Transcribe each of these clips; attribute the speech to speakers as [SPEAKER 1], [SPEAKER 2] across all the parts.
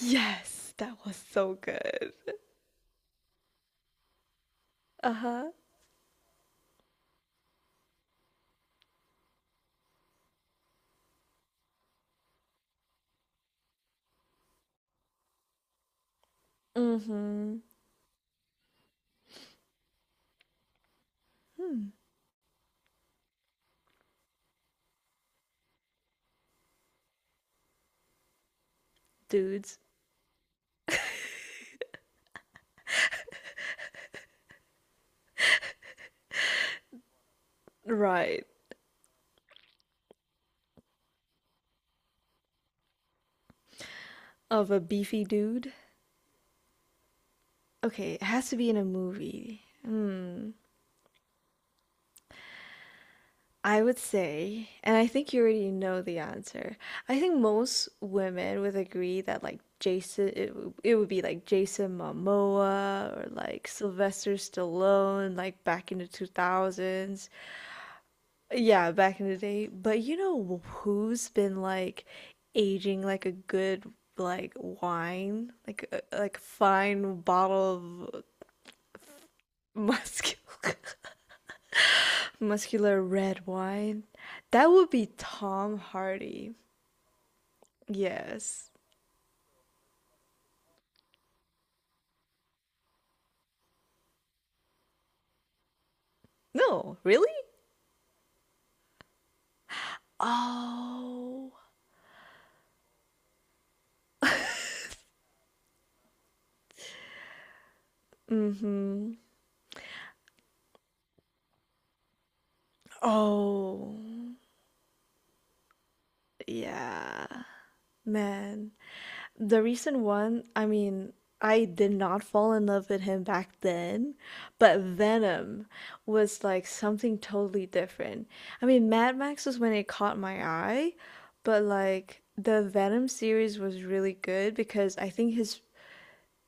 [SPEAKER 1] Yes, that was so good. Uh huh. Mm hmm. Dudes. Right. Of a beefy dude. Okay, it has to be in a movie. I would say, and I think you already know the answer. I think most women would agree that like it would be like Jason Momoa or like Sylvester Stallone, like back in the 2000s. Yeah, back in the day. But you know who's been like aging like a good like wine, like like fine bottle of muscular muscular red wine? That would be Tom Hardy. Yes. No, really? Oh. Mm-hmm. Oh. Yeah. Man. The recent one, I mean, I did not fall in love with him back then, but Venom was like something totally different. I mean, Mad Max was when it caught my eye, but like the Venom series was really good because I think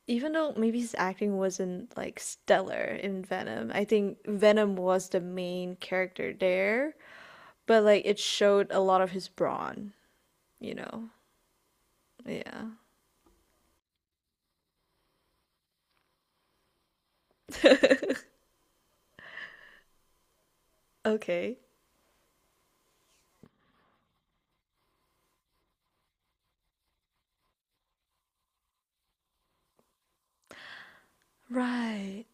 [SPEAKER 1] even though maybe his acting wasn't like stellar in Venom, I think Venom was the main character there, but like it showed a lot of his brawn, you know? Yeah. Okay. Right.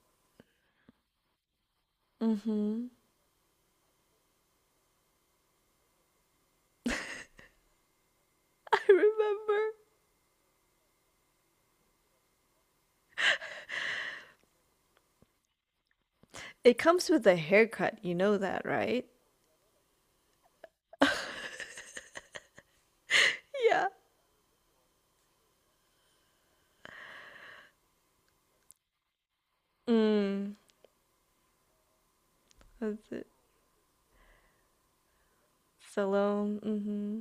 [SPEAKER 1] Mm-hmm. I remember. It comes with a haircut, you know that, right? Yeah. Mm. That's it. Salon. Mm-hmm.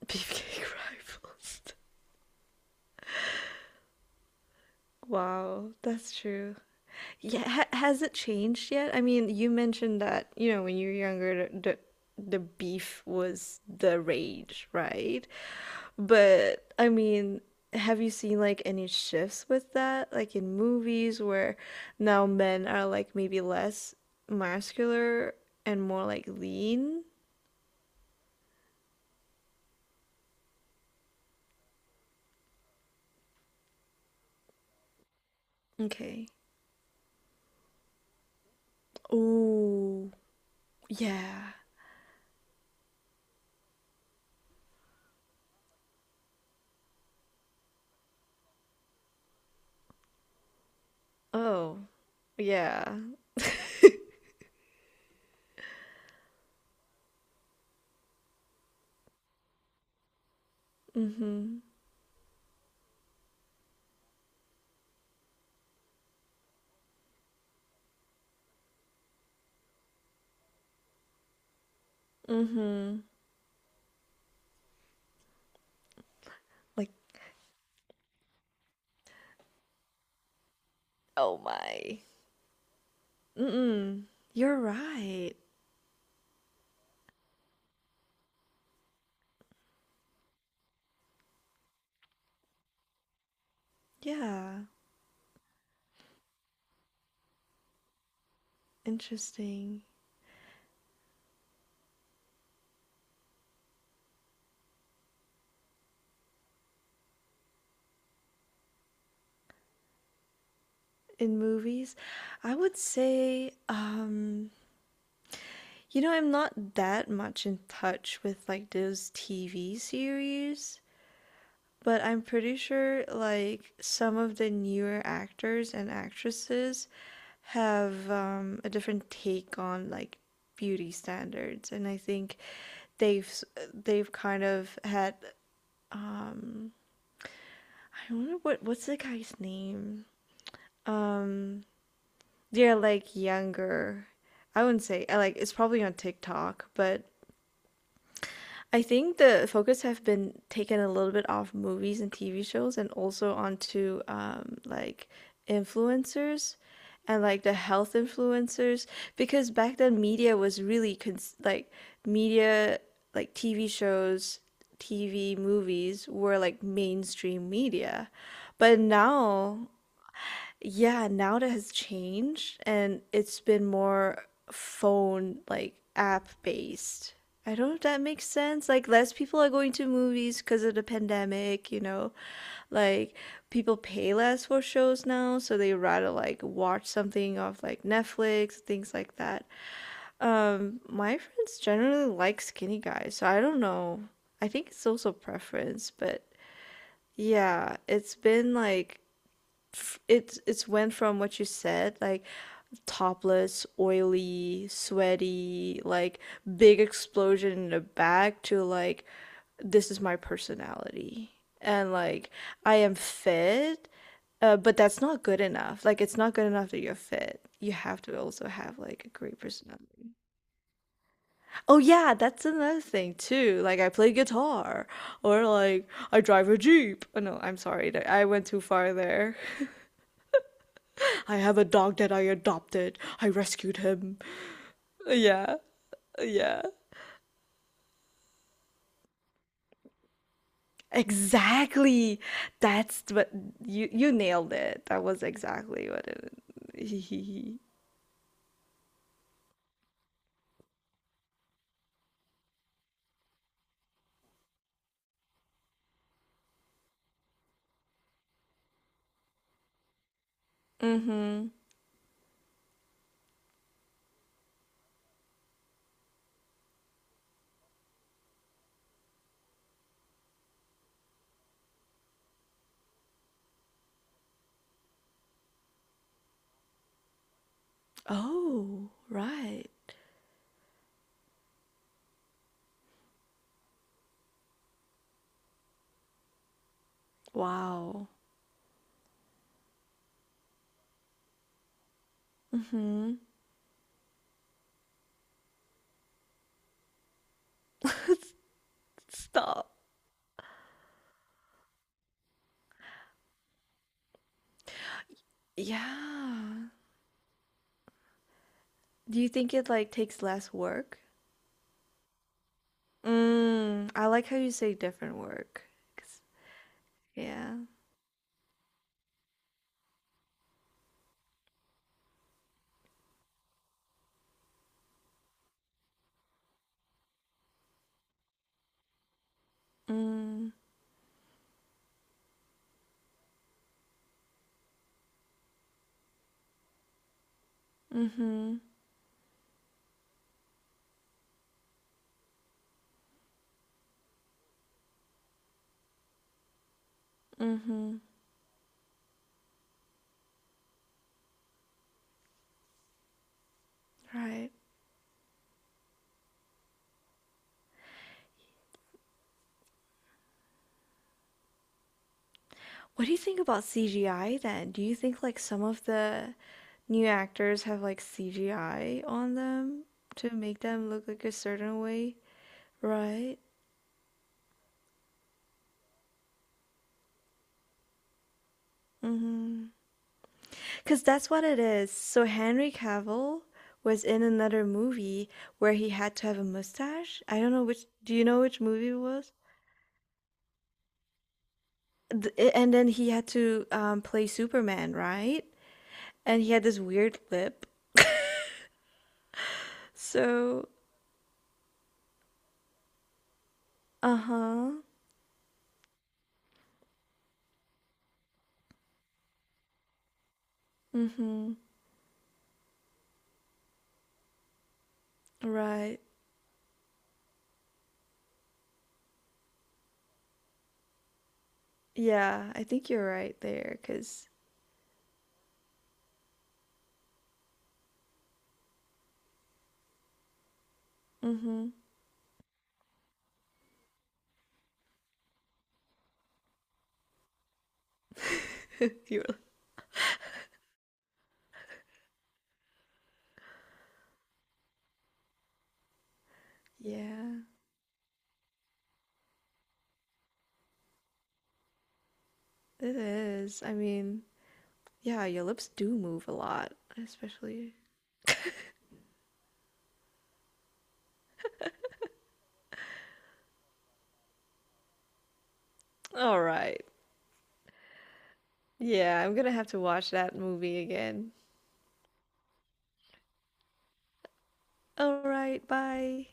[SPEAKER 1] Beefcake rifles. Wow, that's true. Yeah, ha has it changed yet? I mean, you mentioned that, you know, when you were younger, the beef was the rage, right? But I mean, have you seen like any shifts with that? Like in movies where now men are like maybe less muscular and more like lean? Okay. Ooh, yeah. Oh, yeah. Mm-hmm. Mm-hmm. Like oh my. Mm-mm. You're right. Yeah. Interesting. In movies, I would say, you know, I'm not that much in touch with like those TV series, but I'm pretty sure like some of the newer actors and actresses have a different take on like beauty standards, and I think they've they've kind of had I wonder what's the guy's name? Yeah, like younger. I wouldn't say I like it's probably on TikTok, but I think the focus have been taken a little bit off movies and TV shows and also onto like influencers and like the health influencers because back then media was really cons like media like TV shows, TV movies were like mainstream media. But now yeah, now it has changed and it's been more phone like app based. I don't know if that makes sense. Like less people are going to movies because of the pandemic, you know. Like people pay less for shows now, so they rather like watch something off like Netflix, things like that. My friends generally like skinny guys, so I don't know. I think it's also preference, but yeah, it's been like it's went from what you said like topless oily sweaty like big explosion in the back to like this is my personality and like I am fit but that's not good enough like it's not good enough that you're fit you have to also have like a great personality oh yeah that's another thing too like I play guitar or like I drive a jeep oh no I'm sorry I went too far there I have a dog that I adopted. I rescued him. Yeah, yeah. Exactly. That's what you nailed it. That was exactly what it. Mm-hmm. Oh, right. Wow. Mm-hmm. Stop. Yeah. Do you think it like takes less work? Mm, I like how you say different work. 'Cause, yeah. Mm, mm-hmm. Mm-hmm. Right. What do you think about CGI then? Do you think like some of the new actors have like CGI on them to make them look like a certain way, right? Mm-hmm. Because that's what it is. So Henry Cavill was in another movie where he had to have a mustache. I don't know which, do you know which movie it was? And then he had to play Superman, right? And he had this weird lip. So, uh-huh. Mm-hmm. Right. Yeah, I think you're right there, 'cause mhm. You're like, yeah, it is. I mean, yeah, your lips do move a lot, especially. All right. Yeah, I'm gonna have to watch that movie again. All right, bye.